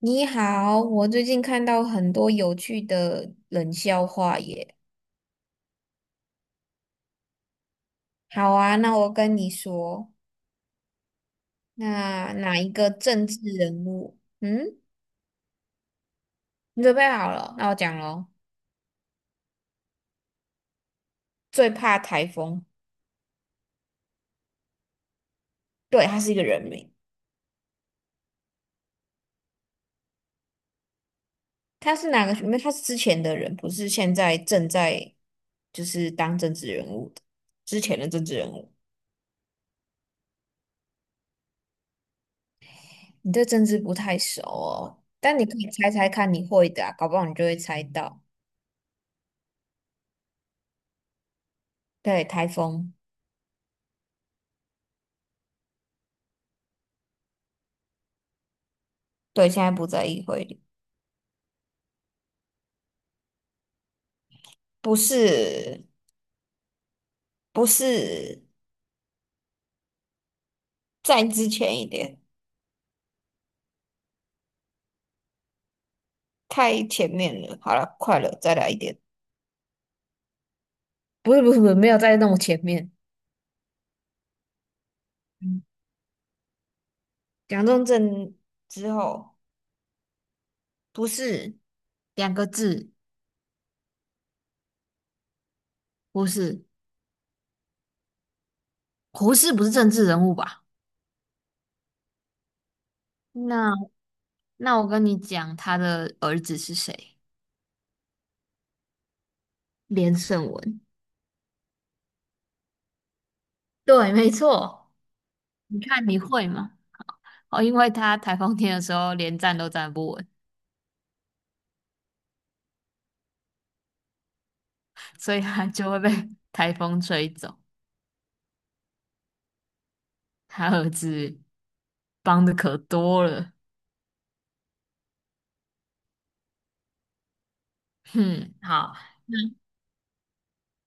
你好，我最近看到很多有趣的冷笑话耶。好啊，那我跟你说，那哪一个政治人物？嗯，你准备好了？那我讲喽。最怕台风。对，他是一个人名。他是哪个？因为他是之前的人，不是现在正在当政治人物的，之前的政治人物。你对政治不太熟哦，但你可以猜猜看，你会的啊，搞不好你就会猜到。对，台风。对，现在不在议会里。不是，不是，再之前一点，太前面了。好了，快了，再来一点。不是，没有在那么前面。嗯，蒋中正之后，不是，两个字，胡适，胡适不是政治人物吧？那那我跟你讲，他的儿子是谁？连胜文。对，没错。你看你会吗？哦，因为他台风天的时候连站都站不稳，所以他就会被 台风吹走。他儿子帮的可多了。哼，好，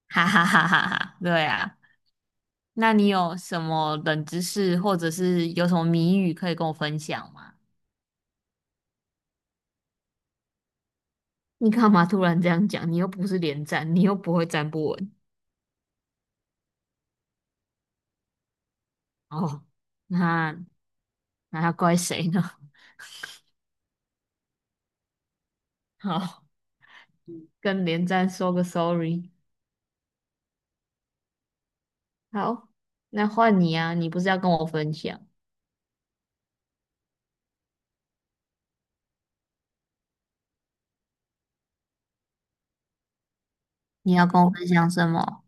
哈哈哈哈哈，对啊。那你有什么冷知识，或者是有什么谜语可以跟我分享吗？你干嘛突然这样讲？你又不是连站，你又不会站不稳。哦，那那要怪谁呢？好，跟连战说个 sorry。好，那换你啊，你不是要跟我分享？你要跟我分享什么？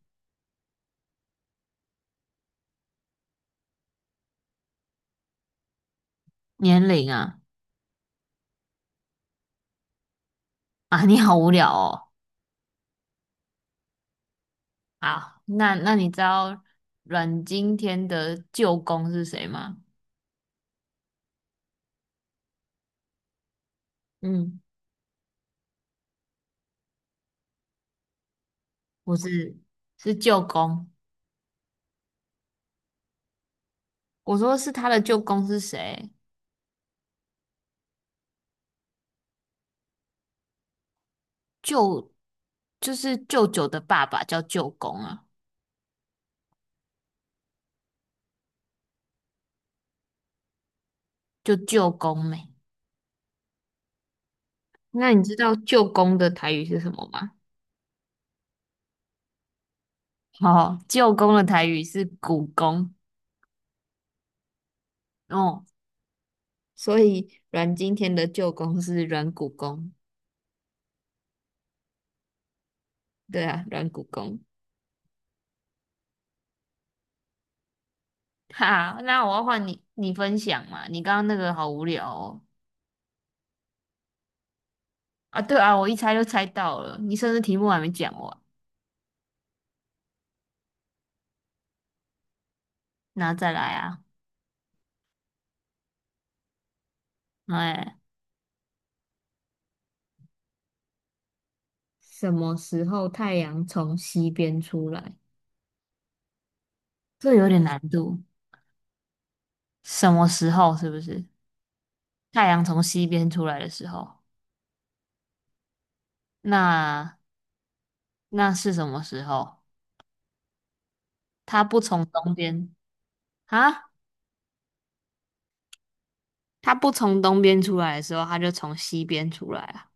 年龄啊？啊，你好无聊哦。好，那你知道阮经天的舅公是谁吗？嗯，不是，是舅公。我说是他的舅公是谁？舅就是舅舅的爸爸叫舅公啊，就舅公妹。那你知道舅公的台语是什么吗？哦，舅公的台语是古公。哦，所以阮经天的舅公是阮古公，对啊，阮古公。哈，那我要换你，你分享嘛。你刚刚那个好无聊哦。啊，对啊，我一猜就猜到了，你甚至题目还没讲完，那再来啊。哎，什么时候太阳从西边出来？这有点难度。什么时候是不是太阳从西边出来的时候？那那是什么时候？它不从东边，啊？它不从东边出来的时候，它就从西边出来啊。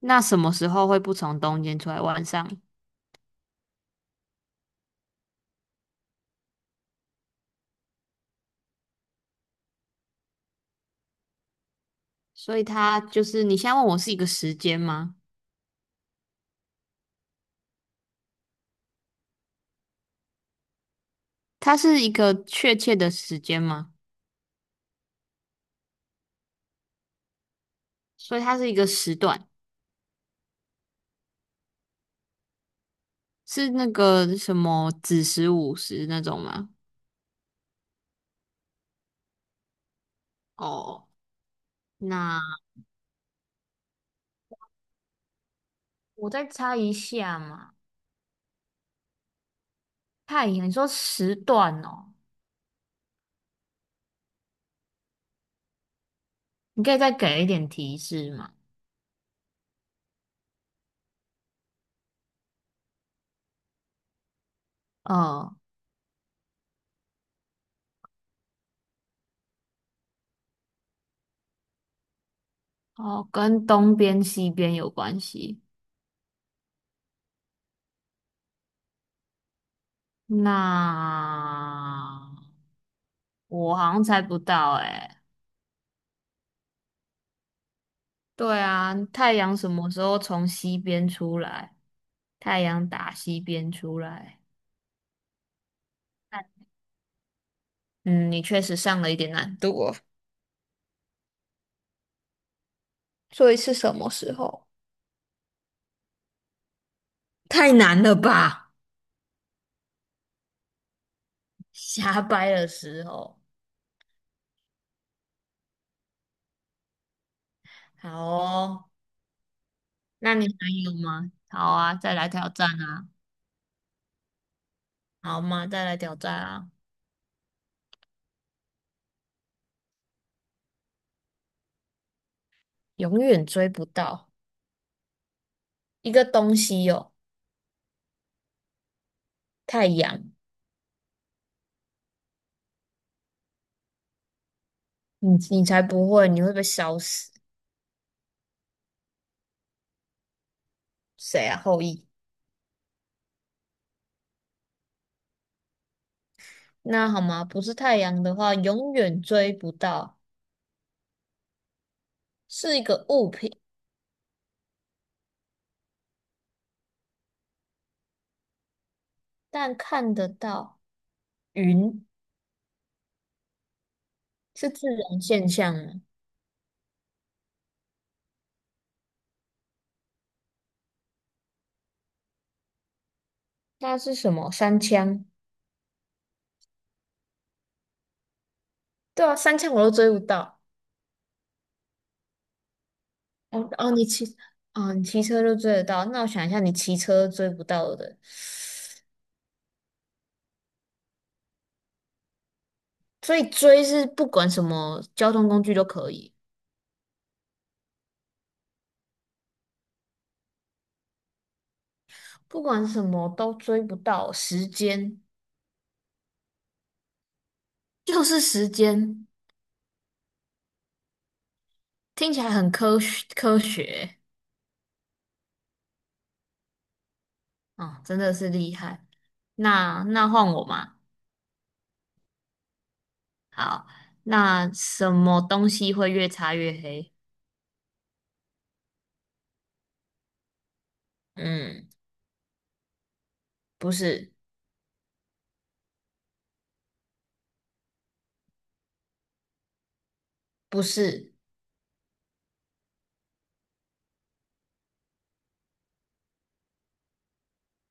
那什么时候会不从东边出来？晚上？所以它就是，你现在问我是一个时间吗？它是一个确切的时间吗？所以它是一个时段，是那个什么子时、午时那种吗？哦，那我再猜一下嘛。太阳，你说时段哦，你可以再给一点提示吗？嗯，哦，跟东边西边有关系。那我好像猜不到诶、对啊，太阳什么时候从西边出来？太阳打西边出来。嗯，你确实上了一点难度哦。所以是什么时候？太难了吧？瞎掰的时候。好哦，那你还有吗？好啊，再来挑战啊。好嘛，再来挑战啊。永远追不到一个东西哦，太阳，你才不会，你会被烧死。谁啊？后羿。那好吗？不是太阳的话，永远追不到，是一个物品，但看得到。云是自然现象吗？那是什么？三枪？对啊，三枪我都追不到。哦哦，哦，你骑车就追得到。那我想一下，你骑车追不到的，所以追是不管什么交通工具都可以，不管什么都追不到。时间，就是时间，听起来很科学科学。哦，真的是厉害。那换我嘛。好，那什么东西会越擦越黑？嗯，不是，不是，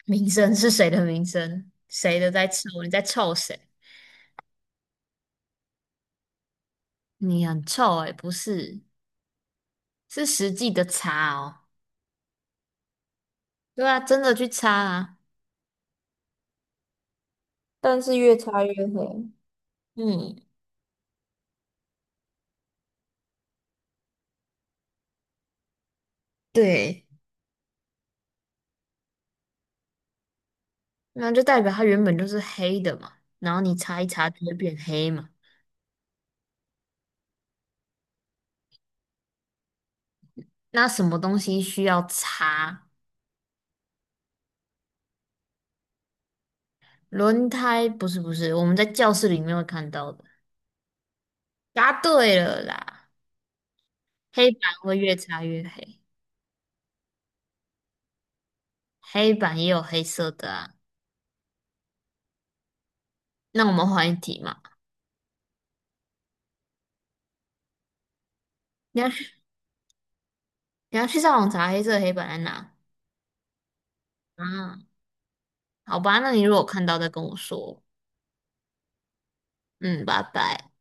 名声是谁的名声？谁的在臭？你在臭谁？你很臭诶、不是，是实际的擦哦。对啊，真的去擦啊。但是越擦越黑。嗯，对，那就代表它原本就是黑的嘛，然后你擦一擦就会变黑嘛。那什么东西需要擦？轮胎不是不是，我们在教室里面会看到的。答对了啦，黑板会越擦越黑，黑板也有黑色的啊。那我们换一题嘛，你要去你要去上网查黑色的黑板在哪啊？好吧，那你如果看到再跟我说。嗯，拜拜。